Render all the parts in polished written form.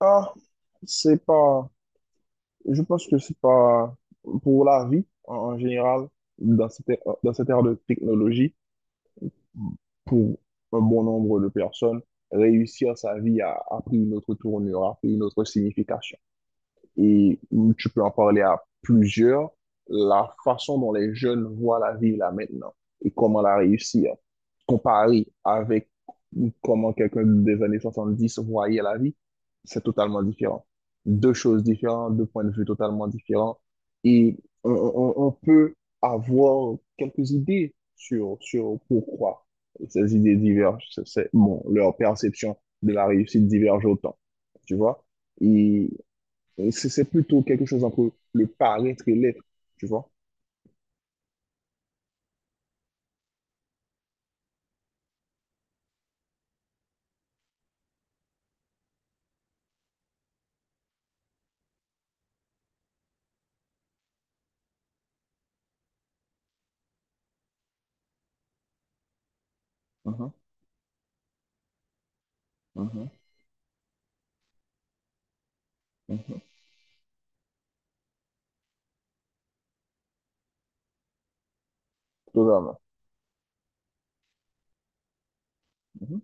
Ah, c'est pas. Je pense que c'est pas pour la vie en général, dans dans cette ère de technologie, pour un bon nombre de personnes, réussir sa vie a pris une autre tournure, a pris une autre signification. Et tu peux en parler à plusieurs, la façon dont les jeunes voient la vie là maintenant et comment la réussir comparé avec comment quelqu'un des années 70 voyait la vie, c'est totalement différent. Deux choses différentes, deux points de vue totalement différents. Et on peut avoir quelques idées sur pourquoi ces idées divergent. Bon, leur perception de la réussite diverge autant. Tu vois? Et, et c'est plutôt quelque chose entre le paraître et l'être. Tu vois? Mhm, mhm, mhm. Totalement. Mhm,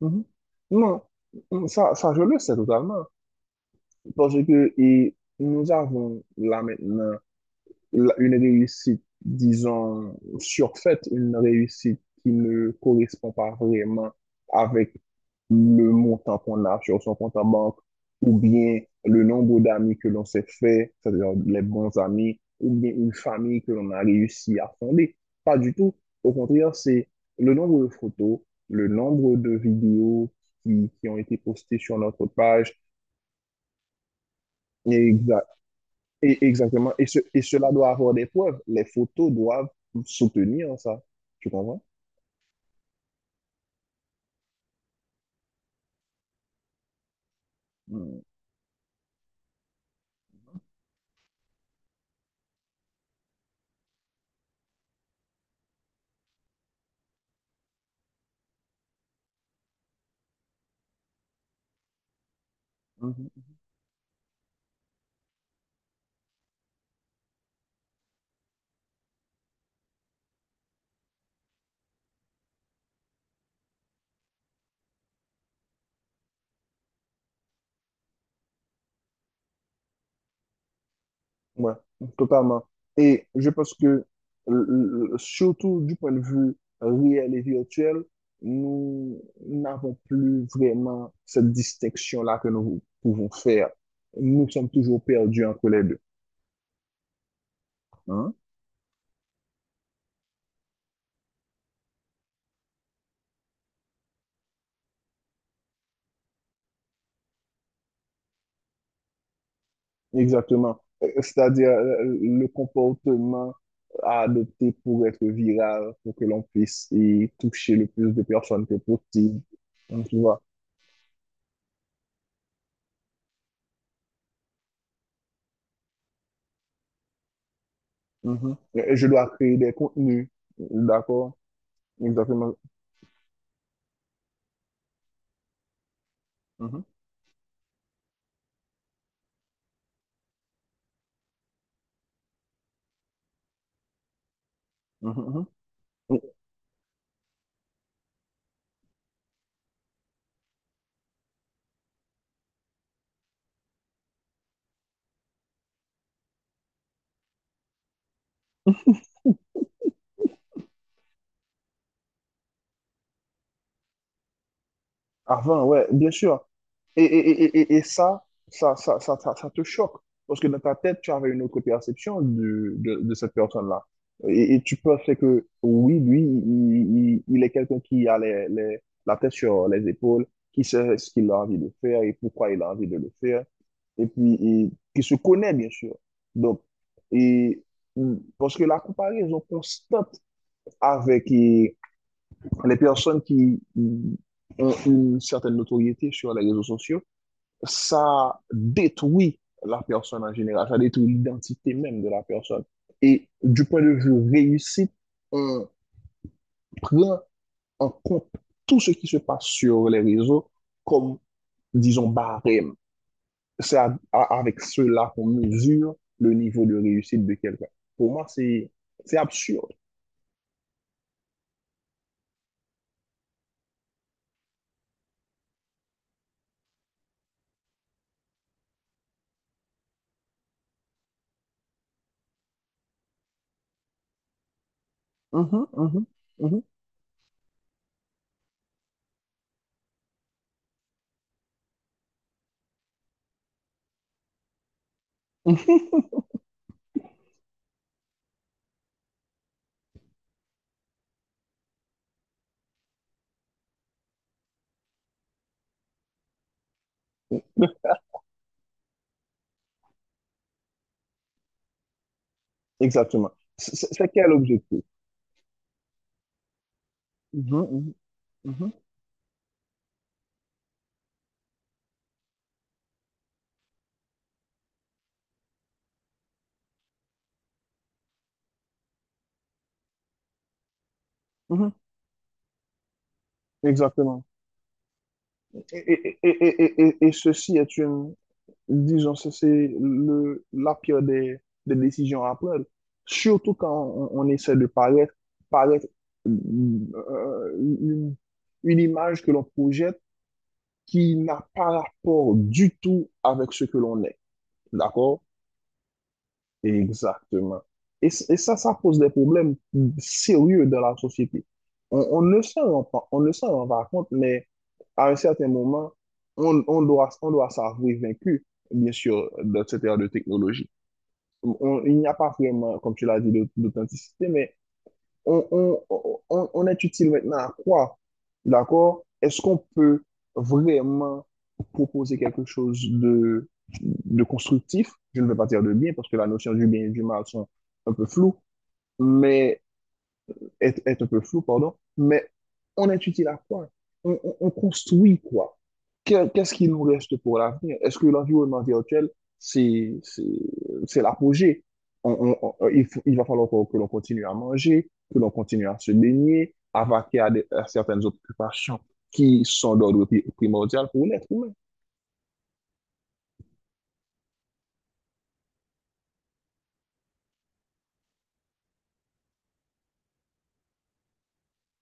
mhm. Non, ça, je le sais totalement. Parce que et nous avons là maintenant une réussite, disons, surfaite, une réussite qui ne correspond pas vraiment avec le montant qu'on a sur son compte en banque, ou bien le nombre d'amis que l'on s'est fait, c'est-à-dire les bons amis, ou bien une famille que l'on a réussi à fonder. Pas du tout. Au contraire, c'est le nombre de photos, le nombre de vidéos qui ont été postées sur notre page, et exa- et, exactement. Et cela doit avoir des preuves. Les photos doivent soutenir ça. Tu comprends? Mhm. Mhm. Ouais, totalement. Et je pense que, surtout du point de vue réel et virtuel, nous n'avons plus vraiment cette distinction-là que nous pouvons faire. Nous sommes toujours perdus entre les deux. Hein? Exactement. C'est-à-dire le comportement à adopter pour être viral, pour que l'on puisse y toucher le plus de personnes que possible. Donc, tu vois. Mhm. Je dois créer des contenus. D'accord? Exactement. Mhm. Mhm, mhm. Avant, ouais, bien sûr. Et ça, ça, ça, ça, ça, ça te choque. Parce que dans ta tête, tu avais une autre perception de cette personne-là. Et tu pensais que, oui, lui, il est quelqu'un qui a la tête sur les épaules, qui sait ce qu'il a envie de faire et pourquoi il a envie de le faire, et puis et qui se connaît, bien sûr. Donc, et, parce que la comparaison constante avec les personnes qui ont une certaine notoriété sur les réseaux sociaux, ça détruit la personne en général, ça détruit l'identité même de la personne. Et du point de vue réussite, on prend en compte tout ce qui se passe sur les réseaux comme, disons, barème. Avec cela qu'on mesure le niveau de réussite de quelqu'un. Pour moi, c'est absurde. Mhm, mhm, mhm, mhm. Exactement. C'est c'est- quel objectif? Mhm, mhm, mhm, mhm. Exactement. Et ceci est une, disons, ça, c'est la pire des décisions à prendre. Surtout quand on essaie de paraître, paraître euh, une, une image que l'on projette qui n'a pas rapport du tout avec ce que l'on est. D'accord? Exactement. Et ça, ça pose des problèmes sérieux dans la société. On ne s'en rend pas compte, mais à un certain moment, on doit s'avouer vaincu, bien sûr, dans cette ère de technologie. Il n'y a pas vraiment, comme tu l'as dit, d'authenticité, mais on est utile maintenant à quoi? D'accord? Est-ce qu'on peut vraiment proposer quelque chose de constructif? Je ne veux pas dire de bien parce que la notion du bien et du mal sont un peu floues, mais est un peu flou, pardon, mais on est utile à quoi? On construit quoi? Qu'est-ce qui nous reste pour l'avenir? Est-ce que l'environnement virtuel, c'est, c'est, c'est l'apogée? Il va falloir que l'on continue à manger, que l'on continue à se baigner, à vaquer à certaines occupations qui sont d'ordre primordial pour l'être humain.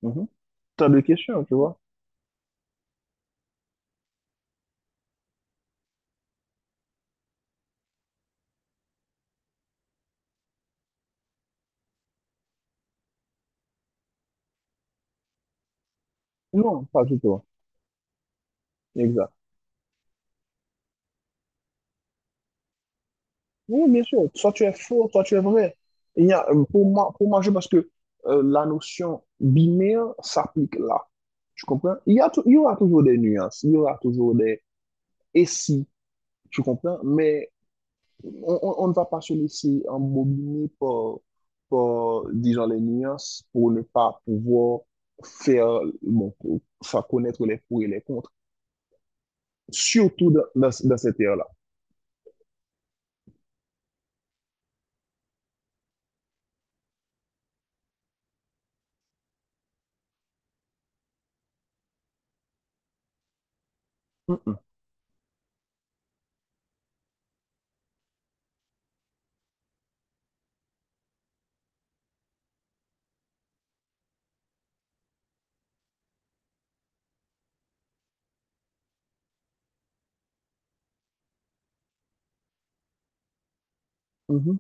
Mhm. T'as deux questions, tu vois? Non, pas du tout. Exact. Oui, bien sûr. Soit tu es faux, soit tu es vrai. Il y a, pour moi, je pense que la notion binaire s'applique là. Tu comprends? Il y aura toujours des nuances, il y aura toujours des et si, tu comprends? Mais on ne va pas se laisser embobiner par, par, disons, les nuances pour ne pas pouvoir faire, bon, pour faire connaître les pour et les contre, surtout dans, dans cette ère-là. Mhm, mhm,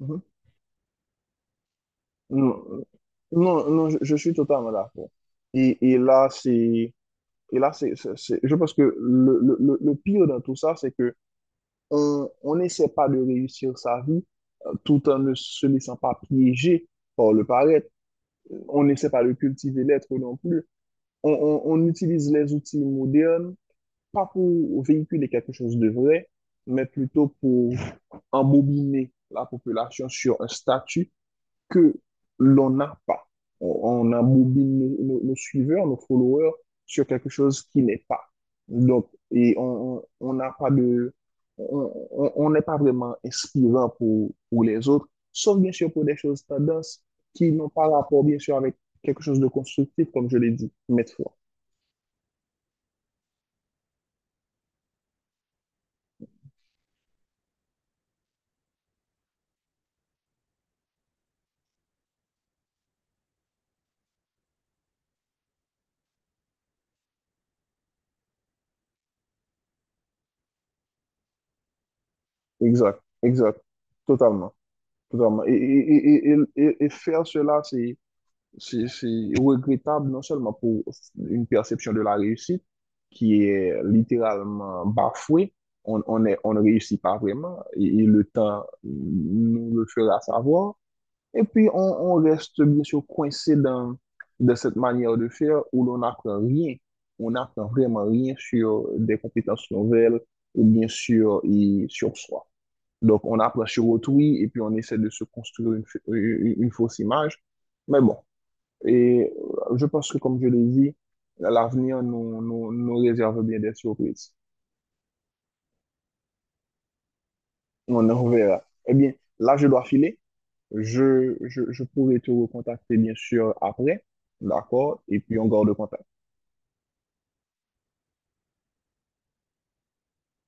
mhm. Non, euh, non, non, je suis totalement d'accord. Et là, et là, je pense que le pire dans tout ça, c'est que on n'essaie pas de réussir sa vie tout en ne se laissant pas piéger par le paraître. On n'essaie pas de cultiver l'être non plus. On on utilise les outils modernes, pas pour véhiculer quelque chose de vrai, mais plutôt pour embobiner la population sur un statut que l'on n'a pas. On embobine nos, nos suiveurs, nos followers sur quelque chose qui n'est pas. Donc, on n'a pas de... on n'est pas vraiment inspirant pour les autres, sauf bien sûr pour des choses tendances qui n'ont pas rapport, bien sûr, avec quelque chose de constructif, comme je l'ai dit maintes fois. Exact, exact, totalement, totalement. Et faire cela, c'est regrettable non seulement pour une perception de la réussite qui est littéralement bafouée, on ne réussit pas vraiment et le temps nous le fera savoir. Et puis, on reste bien sûr coincé dans, dans cette manière de faire où l'on n'apprend rien. On n'apprend vraiment rien sur des compétences nouvelles ou bien sûr et sur soi. Donc, on approche sur autrui et puis on essaie de se construire une, une fausse image. Mais bon, et je pense que, comme je l'ai dit, l'avenir nous réserve bien des surprises. On en verra. Eh bien, là, je dois filer. Je pourrai te recontacter, bien sûr, après. D'accord? Et puis, on garde contact.